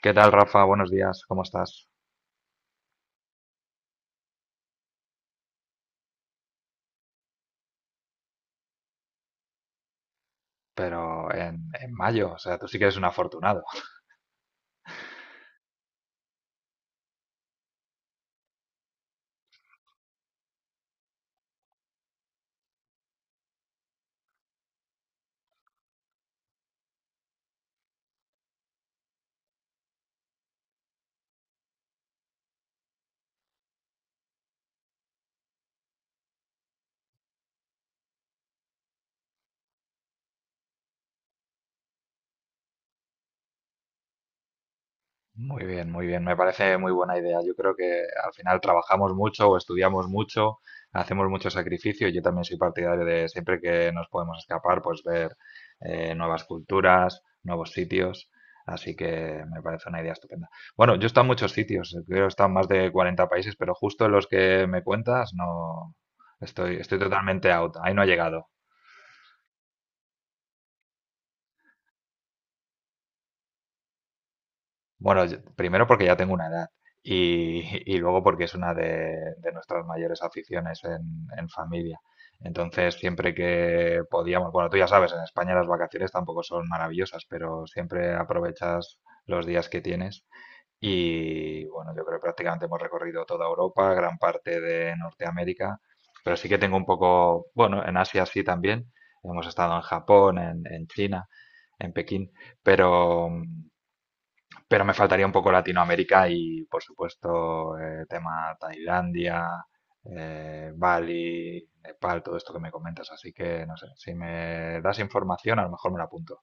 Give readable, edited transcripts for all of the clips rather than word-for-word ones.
¿Qué tal, Rafa? Buenos días, ¿cómo estás? Pero en mayo, o sea, tú sí que eres un afortunado. Muy bien, me parece muy buena idea. Yo creo que al final trabajamos mucho o estudiamos mucho, hacemos mucho sacrificio. Yo también soy partidario de siempre que nos podemos escapar, pues ver nuevas culturas, nuevos sitios. Así que me parece una idea estupenda. Bueno, yo he estado en muchos sitios, creo que he estado en más de 40 países, pero justo en los que me cuentas, no estoy totalmente out. Ahí no he llegado. Bueno, primero porque ya tengo una edad y luego porque es una de nuestras mayores aficiones en familia. Entonces, siempre que podíamos, bueno, tú ya sabes, en España las vacaciones tampoco son maravillosas, pero siempre aprovechas los días que tienes y bueno, yo creo que prácticamente hemos recorrido toda Europa, gran parte de Norteamérica, pero sí que tengo un poco, bueno, en Asia sí también. Hemos estado en Japón, en China, en Pekín, pero, mm, pero me faltaría un poco Latinoamérica y, por supuesto, tema Tailandia, Bali, Nepal, todo esto que me comentas. Así que, no sé, si me das información, a lo mejor me la apunto.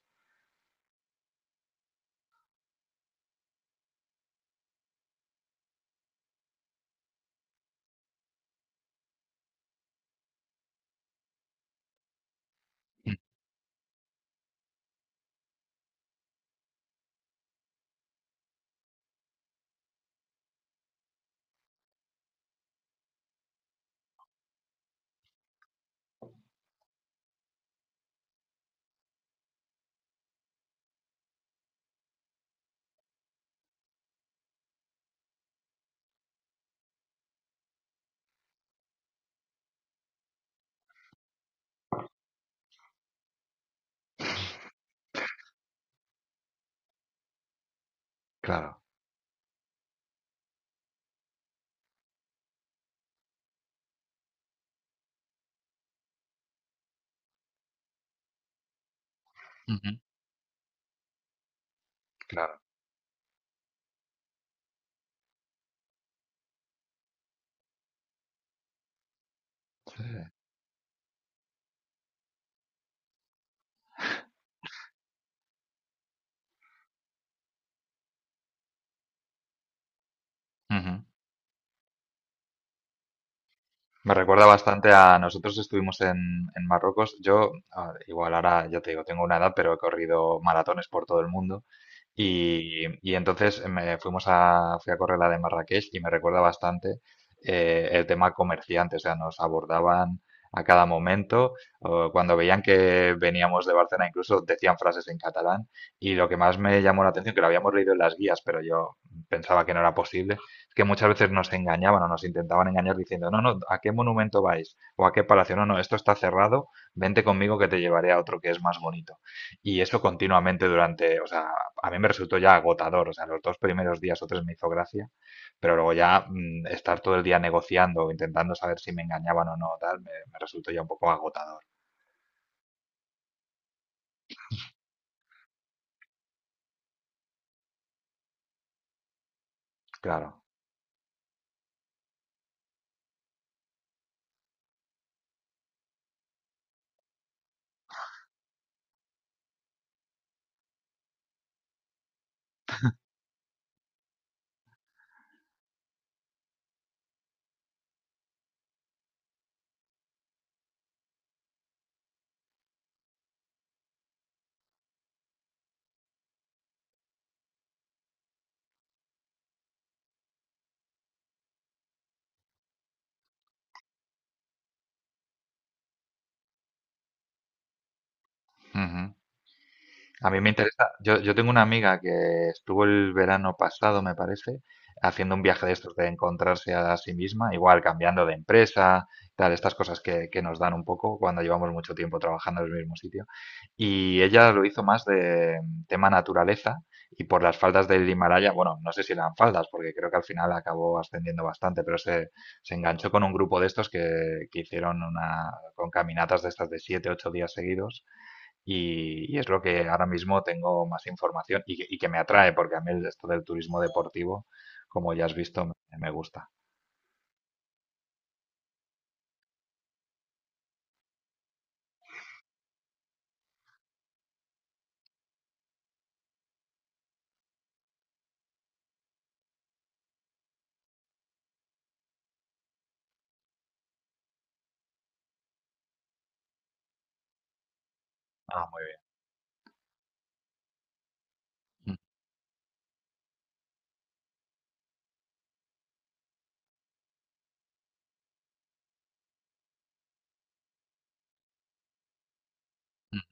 Claro, ujú, claro. Sí, sí. Ujú. Me recuerda bastante a nosotros estuvimos en Marruecos. Yo, ah, igual ahora ya te digo, tengo una edad, pero he corrido maratones por todo el mundo. Y entonces me fui a correr la de Marrakech y me recuerda bastante el tema comerciante. O sea, nos abordaban a cada momento. O cuando veían que veníamos de Barcelona, incluso decían frases en catalán. Y lo que más me llamó la atención, que lo habíamos leído en las guías, pero yo pensaba que no era posible, que muchas veces nos engañaban o nos intentaban engañar diciendo, no, no, ¿a qué monumento vais? O ¿a qué palacio? No, no, esto está cerrado, vente conmigo que te llevaré a otro que es más bonito. Y eso continuamente durante, o sea, a mí me resultó ya agotador, o sea, los dos primeros días o tres me hizo gracia, pero luego ya estar todo el día negociando, intentando saber si me engañaban o no, tal, me resultó ya un poco agotador, claro. Ujú. A mí me interesa. Yo tengo una amiga que estuvo el verano pasado, me parece, haciendo un viaje de estos de encontrarse a sí misma, igual cambiando de empresa, tal, estas cosas que nos dan un poco cuando llevamos mucho tiempo trabajando en el mismo sitio. Y ella lo hizo más de tema naturaleza y por las faldas del Himalaya, bueno, no sé si eran faldas, porque creo que al final acabó ascendiendo bastante, se enganchó con un grupo de estos que hicieron una, con caminatas de estas de siete, ocho días seguidos y es lo que ahora mismo tengo más información y que me atrae, porque a mí esto del turismo deportivo, como ya has visto, me gusta. Ah, muy bien. Mm, mm.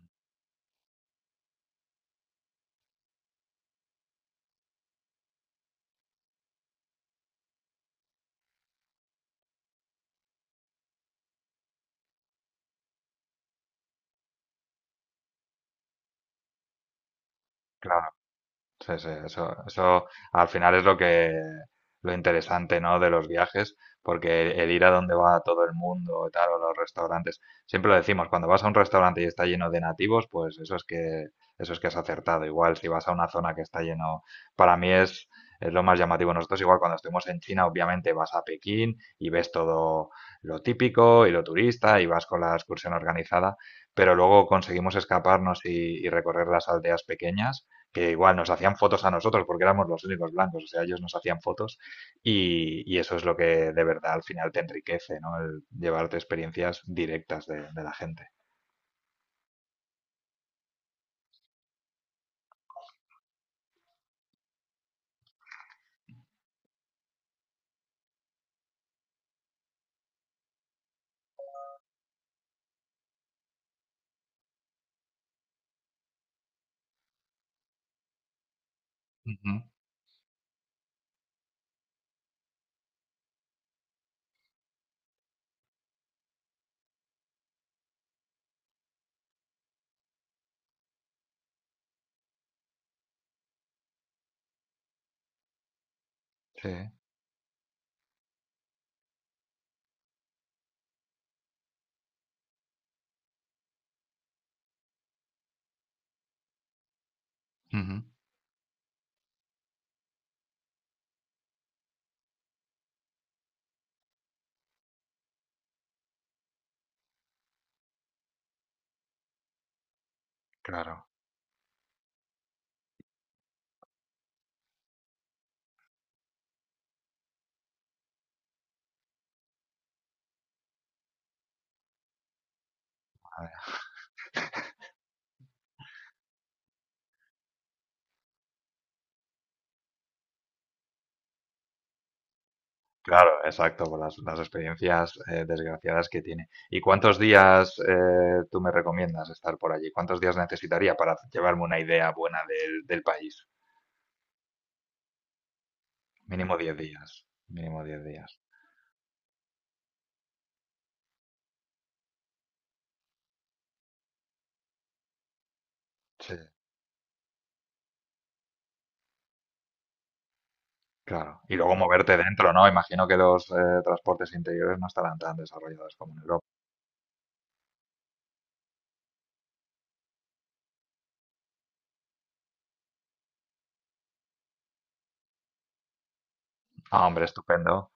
Claro. Sí, sí, eso al final es lo que lo interesante, ¿no? De los viajes, porque el ir a donde va todo el mundo y tal, o los restaurantes, siempre lo decimos, cuando vas a un restaurante y está lleno de nativos, pues eso es que has acertado. Igual si vas a una zona que está lleno, para mí es lo más llamativo. Nosotros igual cuando estemos en China, obviamente vas a Pekín y ves todo lo típico y lo turista y vas con la excursión organizada, pero luego conseguimos escaparnos y recorrer las aldeas pequeñas que igual nos hacían fotos a nosotros porque éramos los únicos blancos, o sea, ellos nos hacían fotos y eso es lo que de verdad al final te enriquece, ¿no? El llevarte experiencias directas de la gente. Ujú, sí, ujú, claro. A ver, claro, exacto, por las experiencias desgraciadas que tiene. ¿Y cuántos días tú me recomiendas estar por allí? ¿Cuántos días necesitaría para llevarme una idea buena del país? Mínimo 10 días, mínimo diez días. Sí. Claro. Y luego moverte dentro, ¿no? Imagino que los transportes interiores no estarán tan desarrollados como en Europa. Ah, hombre, estupendo.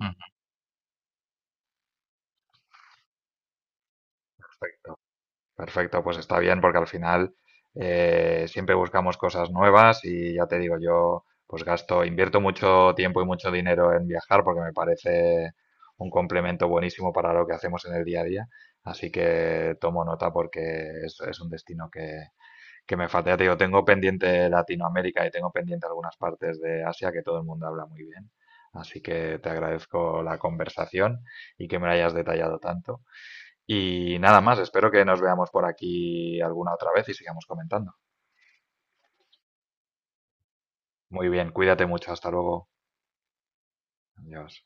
Mm. Perfecto. Perfecto, pues está bien porque al final siempre buscamos cosas nuevas y ya te digo, yo pues gasto, invierto mucho tiempo y mucho dinero en viajar porque me parece un complemento buenísimo para lo que hacemos en el día a día. Así que tomo nota porque es un destino que me falta, ya te digo, tengo pendiente Latinoamérica y tengo pendiente algunas partes de Asia que todo el mundo habla muy bien. Así que te agradezco la conversación y que me la hayas detallado tanto. Y nada más, espero que nos veamos por aquí alguna otra vez y sigamos comentando. Muy bien, cuídate mucho, hasta luego. Adiós.